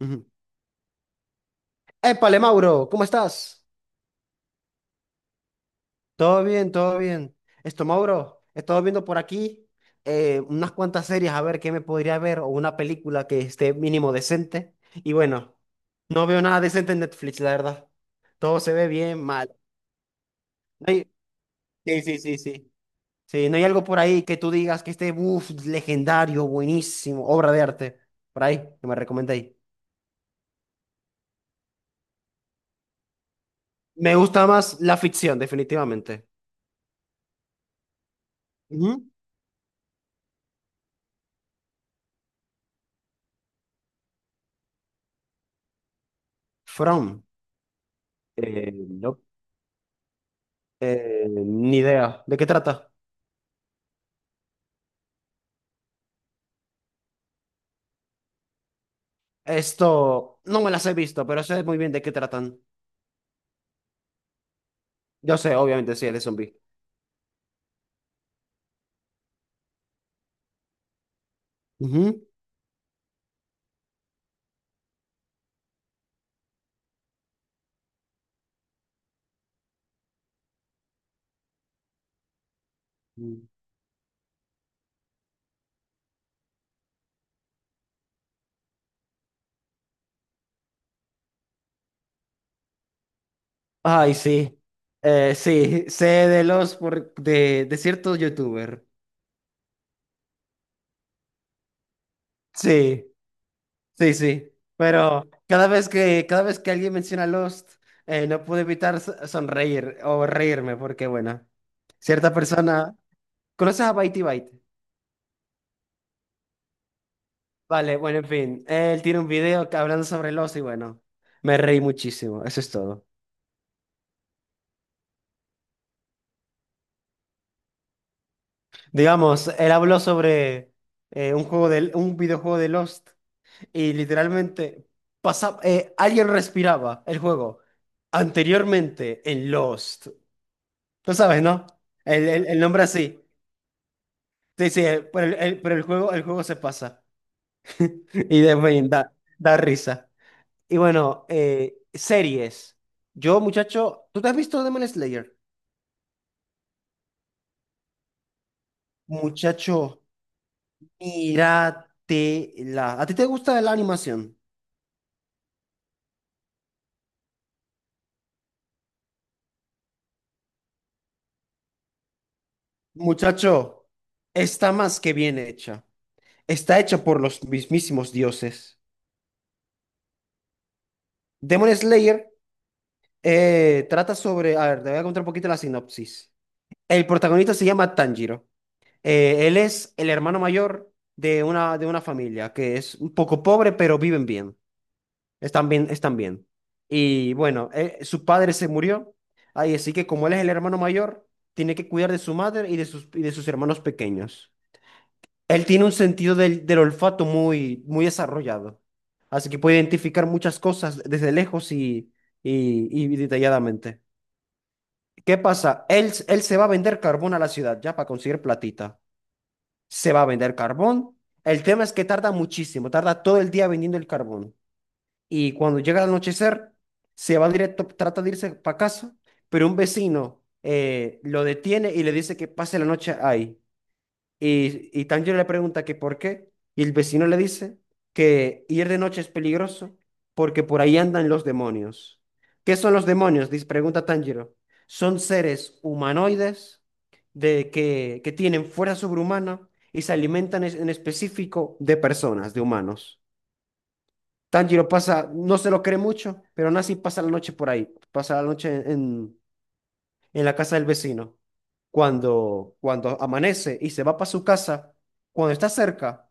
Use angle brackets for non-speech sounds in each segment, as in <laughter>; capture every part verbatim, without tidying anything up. Ujú. Épale, Mauro, ¿cómo estás? Todo bien, todo bien. Esto, Mauro, he estado viendo por aquí eh, unas cuantas series a ver qué me podría ver o una película que esté mínimo decente. Y bueno, no veo nada decente en Netflix, la verdad. Todo se ve bien mal. No hay- Sí, sí, sí, sí. Sí, no hay algo por ahí que tú digas que esté, uff, legendario, buenísimo, obra de arte. Por ahí, que me recomendéis. Me gusta más la ficción, definitivamente. Ujú. From. Eh, Eh, ni idea. ¿De qué trata? Esto no me las he visto, pero sé muy bien de qué tratan. Yo sé, obviamente, sí, es de zombie. Ujú. Mm. Ay, sí. Eh, sí, sé de los por... de, de ciertos youtuber. Sí, sí, sí. Pero cada vez que, cada vez que alguien menciona Lost, eh, no puedo evitar so- sonreír o reírme, porque bueno, cierta persona. ¿Conoces a Bitey Bite? Vale, bueno, en fin. Él tiene un video que- hablando sobre el oso y bueno, me reí muchísimo. Eso es todo. Digamos, él habló sobre eh, un juego del, un videojuego de Lost y literalmente pasa, eh, alguien respiraba el juego anteriormente en Lost. Tú sabes, ¿no? El, el, el nombre así. Sí, sí, el- pero el, el- pero el juego, el juego se pasa. <laughs> Y de en fin, da, da risa. Y bueno, eh, series. Yo, muchacho, ¿tú te has visto Demon Slayer? Muchacho, míratela. ¿A ti te gusta la animación? Muchacho, está más que bien hecha. Está hecha por los mismísimos dioses. Demon Slayer eh, trata sobre... A ver, te voy a contar un poquito la sinopsis. El protagonista se llama Tanjiro. Eh, él es el hermano mayor de una, de una familia que es un poco pobre, pero viven bien. Están bien, están bien. Y bueno, eh, su padre se murió. Ay, así que como él es el hermano mayor, tiene que cuidar de su madre y de sus, y de sus hermanos pequeños. Él tiene un sentido del, del olfato muy, muy desarrollado. Así que puede identificar muchas cosas desde lejos y, y, y detalladamente. ¿Qué pasa? Él, él se va a vender carbón a la ciudad ya para conseguir platita. Se va a vender carbón. El tema es que tarda muchísimo, tarda todo el día vendiendo el carbón. Y cuando llega el anochecer, se va directo, trata de irse para casa, pero un vecino eh, lo detiene y le dice que pase la noche ahí. Y, y Tanjiro le pregunta que por qué, y el vecino le dice que ir de noche es peligroso porque por ahí andan los demonios. ¿Qué son los demonios? Dice, pregunta Tanjiro. Son seres humanoides de que, que tienen fuerza sobrehumana y se alimentan es- en específico de personas, de humanos. Tanjiro pasa, no se lo cree mucho, pero Nasi pasa la noche por ahí, pasa la noche en, en en la casa del vecino. Cuando, cuando amanece y se va para su casa, cuando está cerca,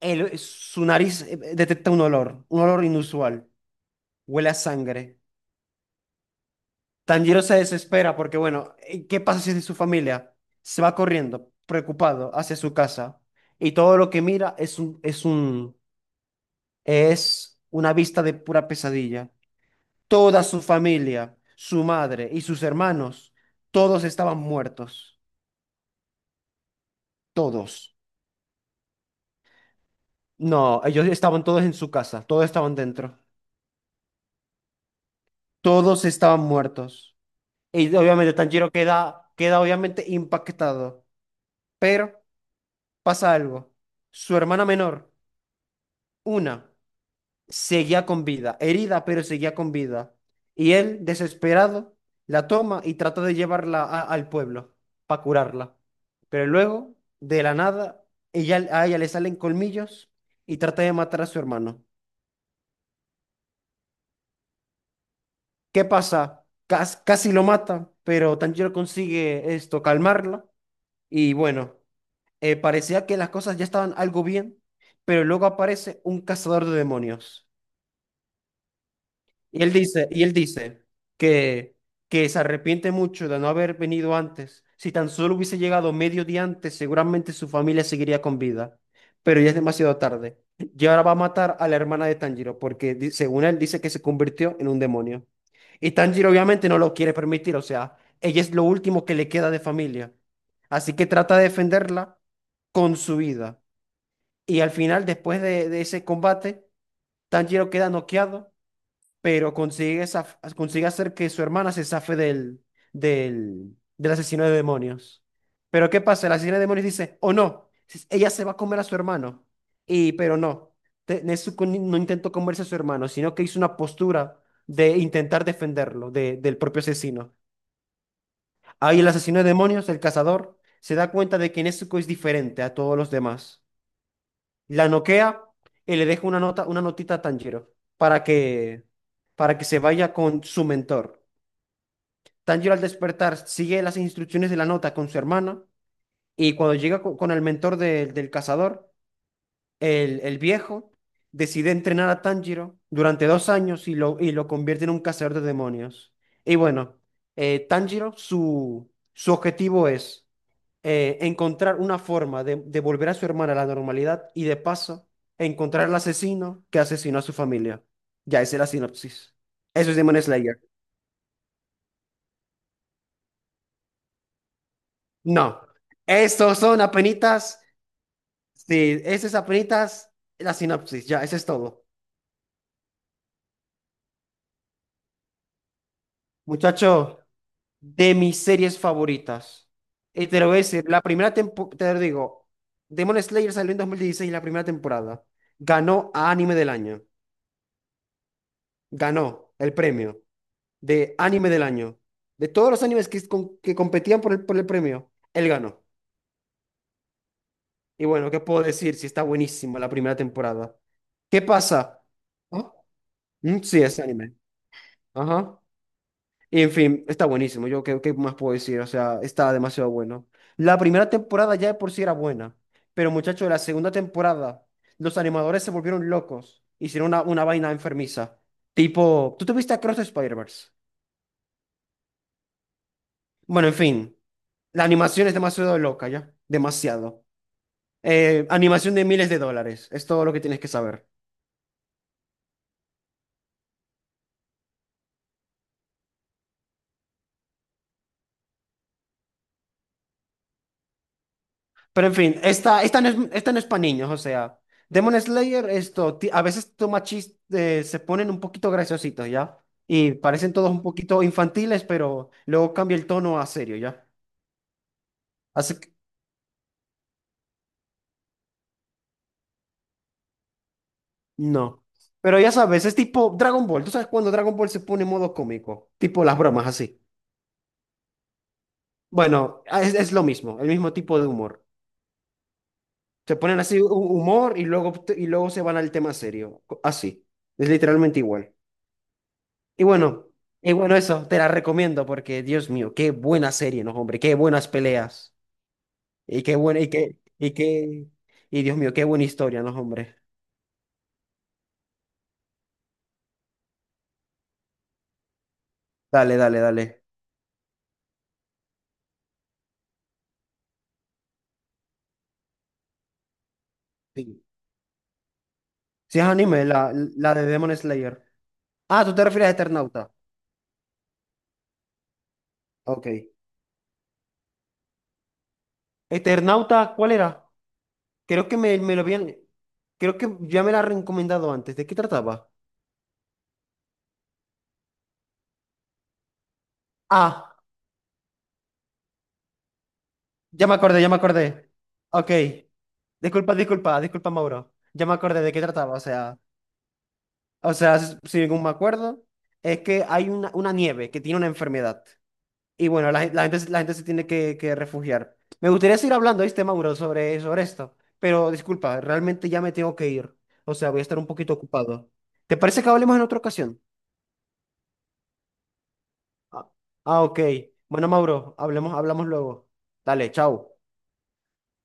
él- su nariz eh, detecta un olor, un olor inusual, huele a sangre. Tanjiro se desespera porque, bueno, eh, ¿qué pasa si es de su familia? Se va corriendo, preocupado, hacia su casa y todo lo que mira es un, es un, es una vista de pura pesadilla. Toda su familia, su madre y sus hermanos, todos estaban muertos. Todos. No, ellos estaban todos en su casa, todos estaban dentro. Todos estaban muertos. Y obviamente Tanjiro queda, queda obviamente impactado. Pero pasa algo. Su hermana menor, una. Seguía con vida, herida, pero seguía con vida. Y él, desesperado, la toma y trata de llevarla a- al pueblo para curarla. Pero luego, de la nada, ella, a ella le salen colmillos y trata de matar a su hermano. ¿Qué pasa? Cas- casi lo mata, pero Tanjiro consigue esto, calmarla. Y bueno, eh, parecía que las cosas ya estaban algo bien, pero luego aparece un cazador de demonios. Y él dice, y él dice que, que se arrepiente mucho de no haber venido antes. Si tan solo hubiese llegado medio día antes, seguramente su familia seguiría con vida. Pero ya es demasiado tarde. Y ahora va a matar a la hermana de Tanjiro, porque di- según él dice que se convirtió en un demonio. Y Tanjiro obviamente no lo quiere permitir, o sea, ella es lo último que le queda de familia. Así que trata de defenderla con su vida. Y al final, después de, de ese combate, Tanjiro queda noqueado pero consigue, zaf- consigue hacer que su hermana se zafe del, del, del asesino de demonios. Pero ¿qué pasa? El asesino de demonios dice, o no, si- ella se va a comer a su hermano. Y, pero no, Te- Nezuko ni- no intentó comerse a su hermano, sino que hizo una postura de intentar defenderlo de- del propio asesino. Ahí el asesino de demonios, el cazador, se da cuenta de que Nezuko es diferente a todos los demás, la noquea y le deja una nota, una notita a Tanjiro para que, para que se vaya con su mentor. Tanjiro al despertar sigue las instrucciones de la nota con su hermana y cuando llega co- con, el mentor del del cazador, el, el viejo decide entrenar a Tanjiro durante dos años y lo, y lo convierte en un cazador de demonios. Y bueno, eh, Tanjiro, su, su objetivo es eh, encontrar una forma de, de volver a su hermana a la normalidad y de paso encontrar al asesino que asesinó a su familia. Ya esa es la sinopsis. Eso es Demon Slayer. No, estos son apenitas. Sí, esas es apenitas la sinopsis. Ya, eso es todo. Muchacho, de mis series favoritas. Y te lo voy a decir, la primera temporada, te lo digo, Demon Slayer salió en dos mil dieciséis, la primera temporada. Ganó a Anime del Año. Ganó el premio. de anime del año. De todos los animes que, con- que competían por el, por el premio, él ganó. Y bueno, ¿qué puedo decir si está buenísimo la primera temporada? ¿Qué pasa? ¿Ah? Mm, Sí, es anime. Ajá. Y en fin, está buenísimo. Yo, ¿qué, qué más puedo decir? O sea, está demasiado bueno. La primera temporada ya de por sí era buena. Pero muchachos, la segunda temporada, los animadores se volvieron locos. Hicieron una, una vaina enfermiza. Tipo, ¿tú te viste Across the Spider-Verse? Bueno, en fin, la animación es demasiado loca ya. Demasiado. Eh, animación de miles de dólares. Es todo lo que tienes que saber. Pero en fin, esta, esta no es, esta no es para niños, o sea, Demon Slayer, esto, ti- a veces toma chistes, se ponen un poquito graciositos, ¿ya? Y parecen todos un poquito infantiles, pero luego cambia el tono a serio, ¿ya? Así que, no. Pero ya sabes, es tipo Dragon Ball. ¿Tú sabes cuando Dragon Ball se pone en modo cómico? Tipo las bromas así. Bueno, es, es lo mismo, el mismo tipo de humor. Se ponen así hu- humor y luego, y luego se van al tema serio. Así. Es literalmente igual. Y bueno, y bueno, eso te la recomiendo porque, Dios mío, qué buena serie, ¿no, hombre? Qué buenas peleas. Y qué buena, y qué, y qué, y Dios mío, qué buena historia, ¿no, hombre? Dale, dale, dale. Sí. Si es anime, la, la de Demon Slayer. Ah, tú te refieres a Eternauta. Ok. Eternauta, ¿cuál era? Creo que me, me lo habían, creo que ya me la han recomendado antes. ¿De qué trataba? Ah. Ya me acordé, ya me acordé. Ok. Disculpa, disculpa, disculpa, Mauro. Ya me acordé de qué trataba. O sea, o sea, s- si según me acuerdo, es que hay una, una nieve que tiene una enfermedad. Y bueno, la, gen- la gente, se- la gente se tiene que, que refugiar. Me gustaría seguir hablando, ¿viste, Mauro, sobre, sobre esto? Pero disculpa, realmente ya me tengo que ir. O sea, voy a estar un poquito ocupado. ¿Te parece que hablemos en otra ocasión? Ah, ah, ok. Bueno, Mauro, hablemos, hablamos luego. Dale, chao.